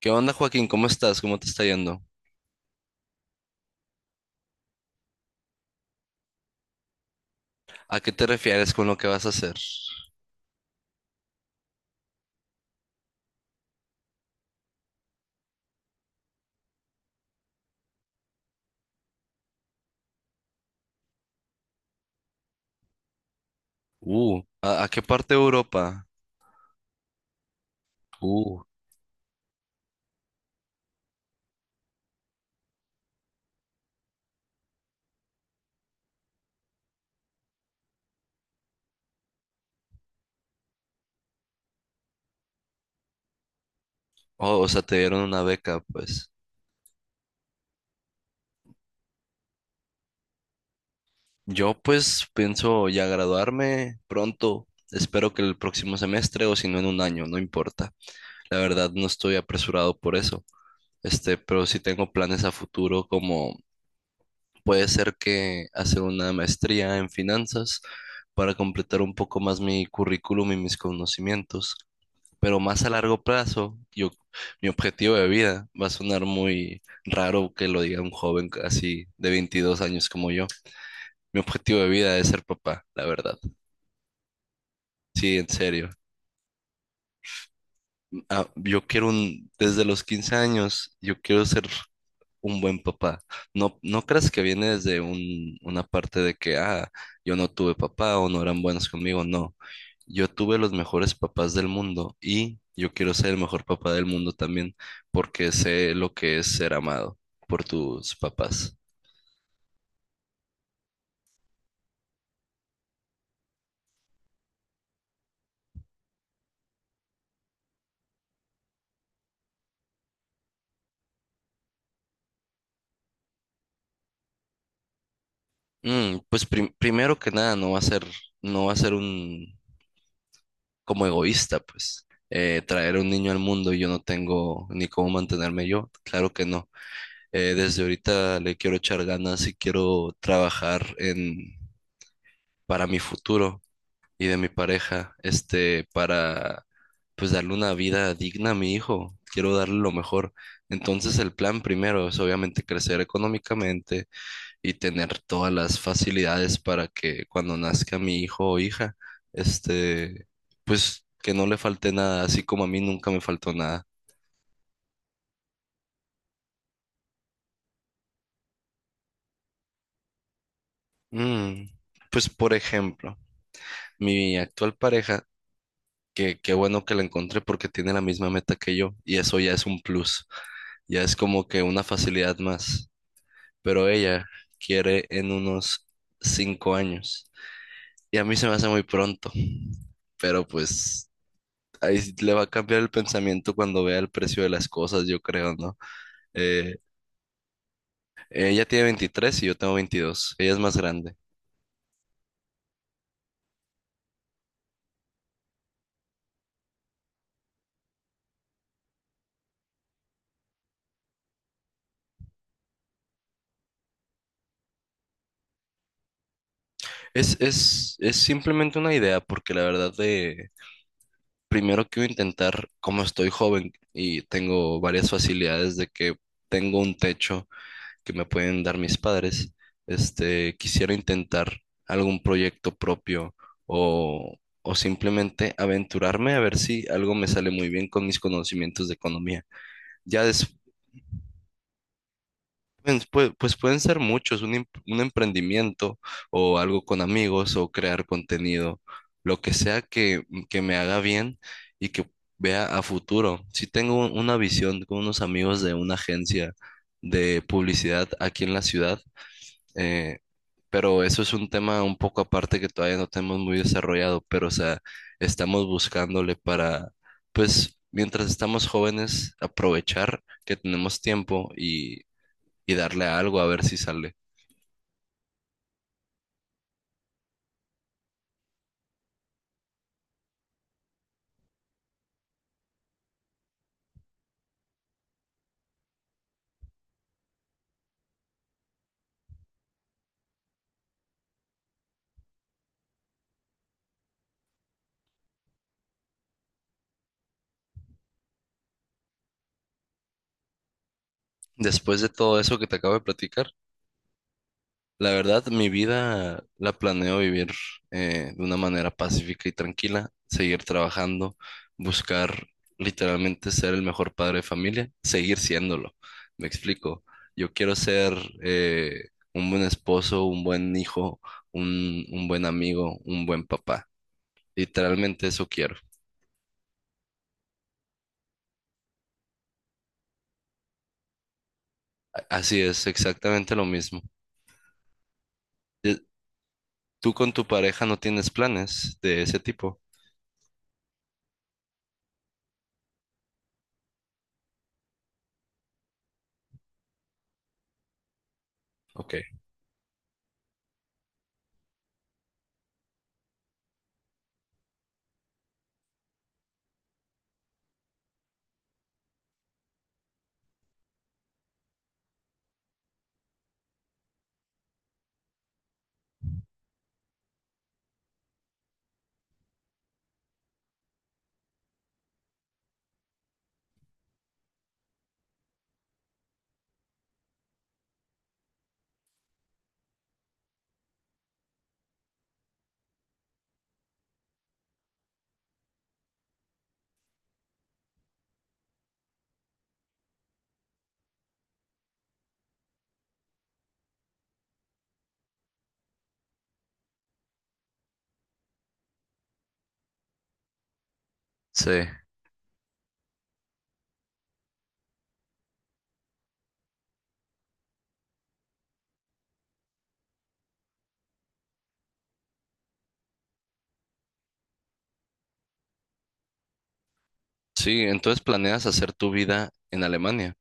¿Qué onda, Joaquín? ¿Cómo estás? ¿Cómo te está yendo? ¿A qué te refieres con lo que vas a hacer? ¿A qué parte de Europa? Uh, oh, o sea, te dieron una beca, pues. Yo, pues, pienso ya graduarme pronto. Espero que el próximo semestre o si no en un año, no importa. La verdad, no estoy apresurado por eso. Este, pero sí tengo planes a futuro como puede ser que hacer una maestría en finanzas para completar un poco más mi currículum y mis conocimientos. Pero más a largo plazo, yo, mi objetivo de vida va a sonar muy raro que lo diga un joven así de 22 años como yo. Mi objetivo de vida es ser papá, la verdad. Sí, en serio. Ah, yo quiero un, desde los 15 años, yo quiero ser un buen papá. No, no creas que viene desde un, una parte de que, ah, yo no tuve papá o no eran buenos conmigo. No, yo tuve los mejores papás del mundo y yo quiero ser el mejor papá del mundo también porque sé lo que es ser amado por tus papás. Pues primero que nada, no va a ser un como egoísta, pues. Traer un niño al mundo y yo no tengo ni cómo mantenerme yo, claro que no. Desde ahorita le quiero echar ganas y quiero trabajar en, para mi futuro y de mi pareja, este, para pues darle una vida digna a mi hijo. Quiero darle lo mejor. Entonces el plan primero es obviamente crecer económicamente y tener todas las facilidades para que cuando nazca mi hijo o hija, este, pues que no le falte nada, así como a mí nunca me faltó nada. Mm, Pues por ejemplo, mi actual pareja que qué bueno que la encontré porque tiene la misma meta que yo y eso ya es un plus, ya es como que una facilidad más. Pero ella quiere en unos 5 años y a mí se me hace muy pronto, pero pues ahí sí le va a cambiar el pensamiento cuando vea el precio de las cosas, yo creo, ¿no? Eh, ella tiene 23 y yo tengo 22, ella es más grande. Es simplemente una idea porque la verdad de primero quiero intentar, como estoy joven y tengo varias facilidades de que tengo un techo que me pueden dar mis padres, este, quisiera intentar algún proyecto propio o, o simplemente aventurarme a ver si algo me sale muy bien con mis conocimientos de economía. Ya pues, pues pueden ser muchos, un, un emprendimiento o algo con amigos o crear contenido, lo que sea que me haga bien y que vea a futuro. Si tengo una visión con unos amigos de una agencia de publicidad aquí en la ciudad, eh, pero eso es un tema un poco aparte que todavía no tenemos muy desarrollado, pero o sea, estamos buscándole para, pues, mientras estamos jóvenes, aprovechar que tenemos tiempo y darle a algo a ver si sale. Después de todo eso que te acabo de platicar, la verdad, mi vida la planeo vivir de una manera pacífica y tranquila, seguir trabajando, buscar literalmente ser el mejor padre de familia, seguir siéndolo. Me explico. Yo quiero ser eh, un buen esposo, un buen hijo, un buen amigo, un buen papá. Literalmente eso quiero. A- Así es, exactamente lo mismo. Eh, ¿Tú con tu pareja no tienes planes de ese tipo? Ok. Sí. Sí, entonces planeas hacer tu vida en Alemania.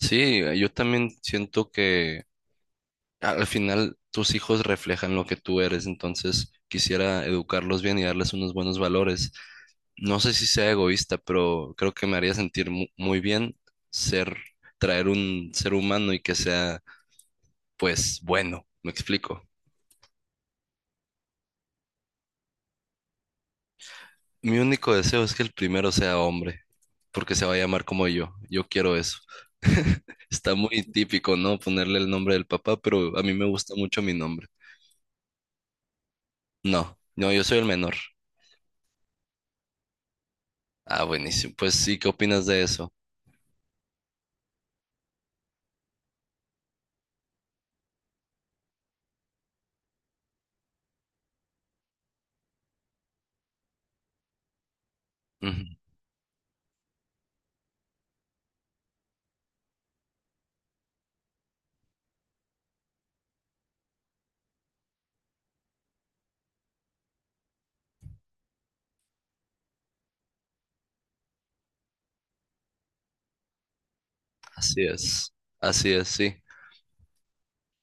Sí, yo también siento que al final tus hijos reflejan lo que tú eres, entonces quisiera educarlos bien y darles unos buenos valores. No sé si sea egoísta, pero creo que me haría sentir muy bien ser, traer un ser humano y que sea, pues, bueno, me explico. Mi único deseo es que el primero sea hombre, porque se va a llamar como yo. Yo quiero eso. Está muy típico, ¿no? Ponerle el nombre del papá, pero a mí me gusta mucho mi nombre. No, yo soy el menor. Ah, buenísimo. Pues sí, ¿qué opinas de eso? Ujú, así es, así es, sí.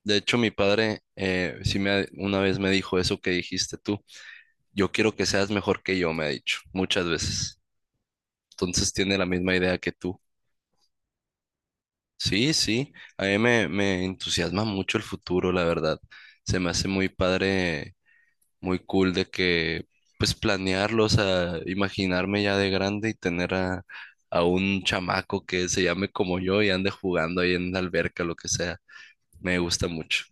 De hecho, mi padre sí una vez me dijo eso que dijiste tú. Yo quiero que seas mejor que yo, me ha dicho muchas veces. Entonces tiene la misma idea que tú. Sí, sí. A mí me, me entusiasma mucho el futuro, la verdad. Se me hace muy padre, muy cool de que, pues planearlo, o sea, imaginarme ya de grande y tener a un chamaco que se llame como yo y ande jugando ahí en la alberca, lo que sea. Me gusta mucho.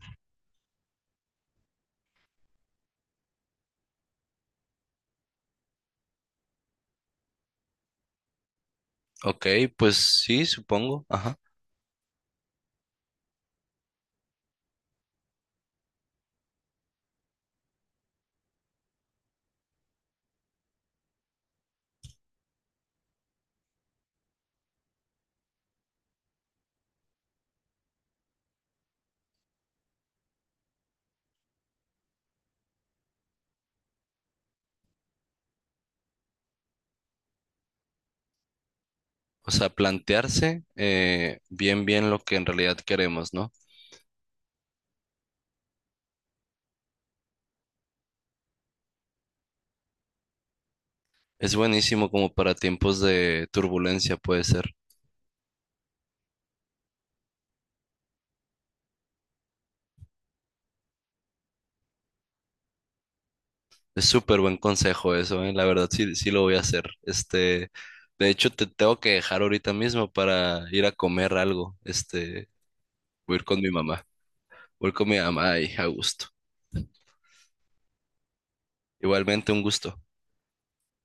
Ok, pues sí, supongo. Ajá. O sea, plantearse bien, bien lo que en realidad queremos, ¿no? Es buenísimo como para tiempos de turbulencia, puede ser. Es súper buen consejo eso, ¿eh? La verdad sí, sí lo voy a hacer. Este, de hecho, te tengo que dejar ahorita mismo para ir a comer algo. Este, voy a ir con mi mamá. Voy a ir con mi mamá y a gusto. Igualmente, un gusto.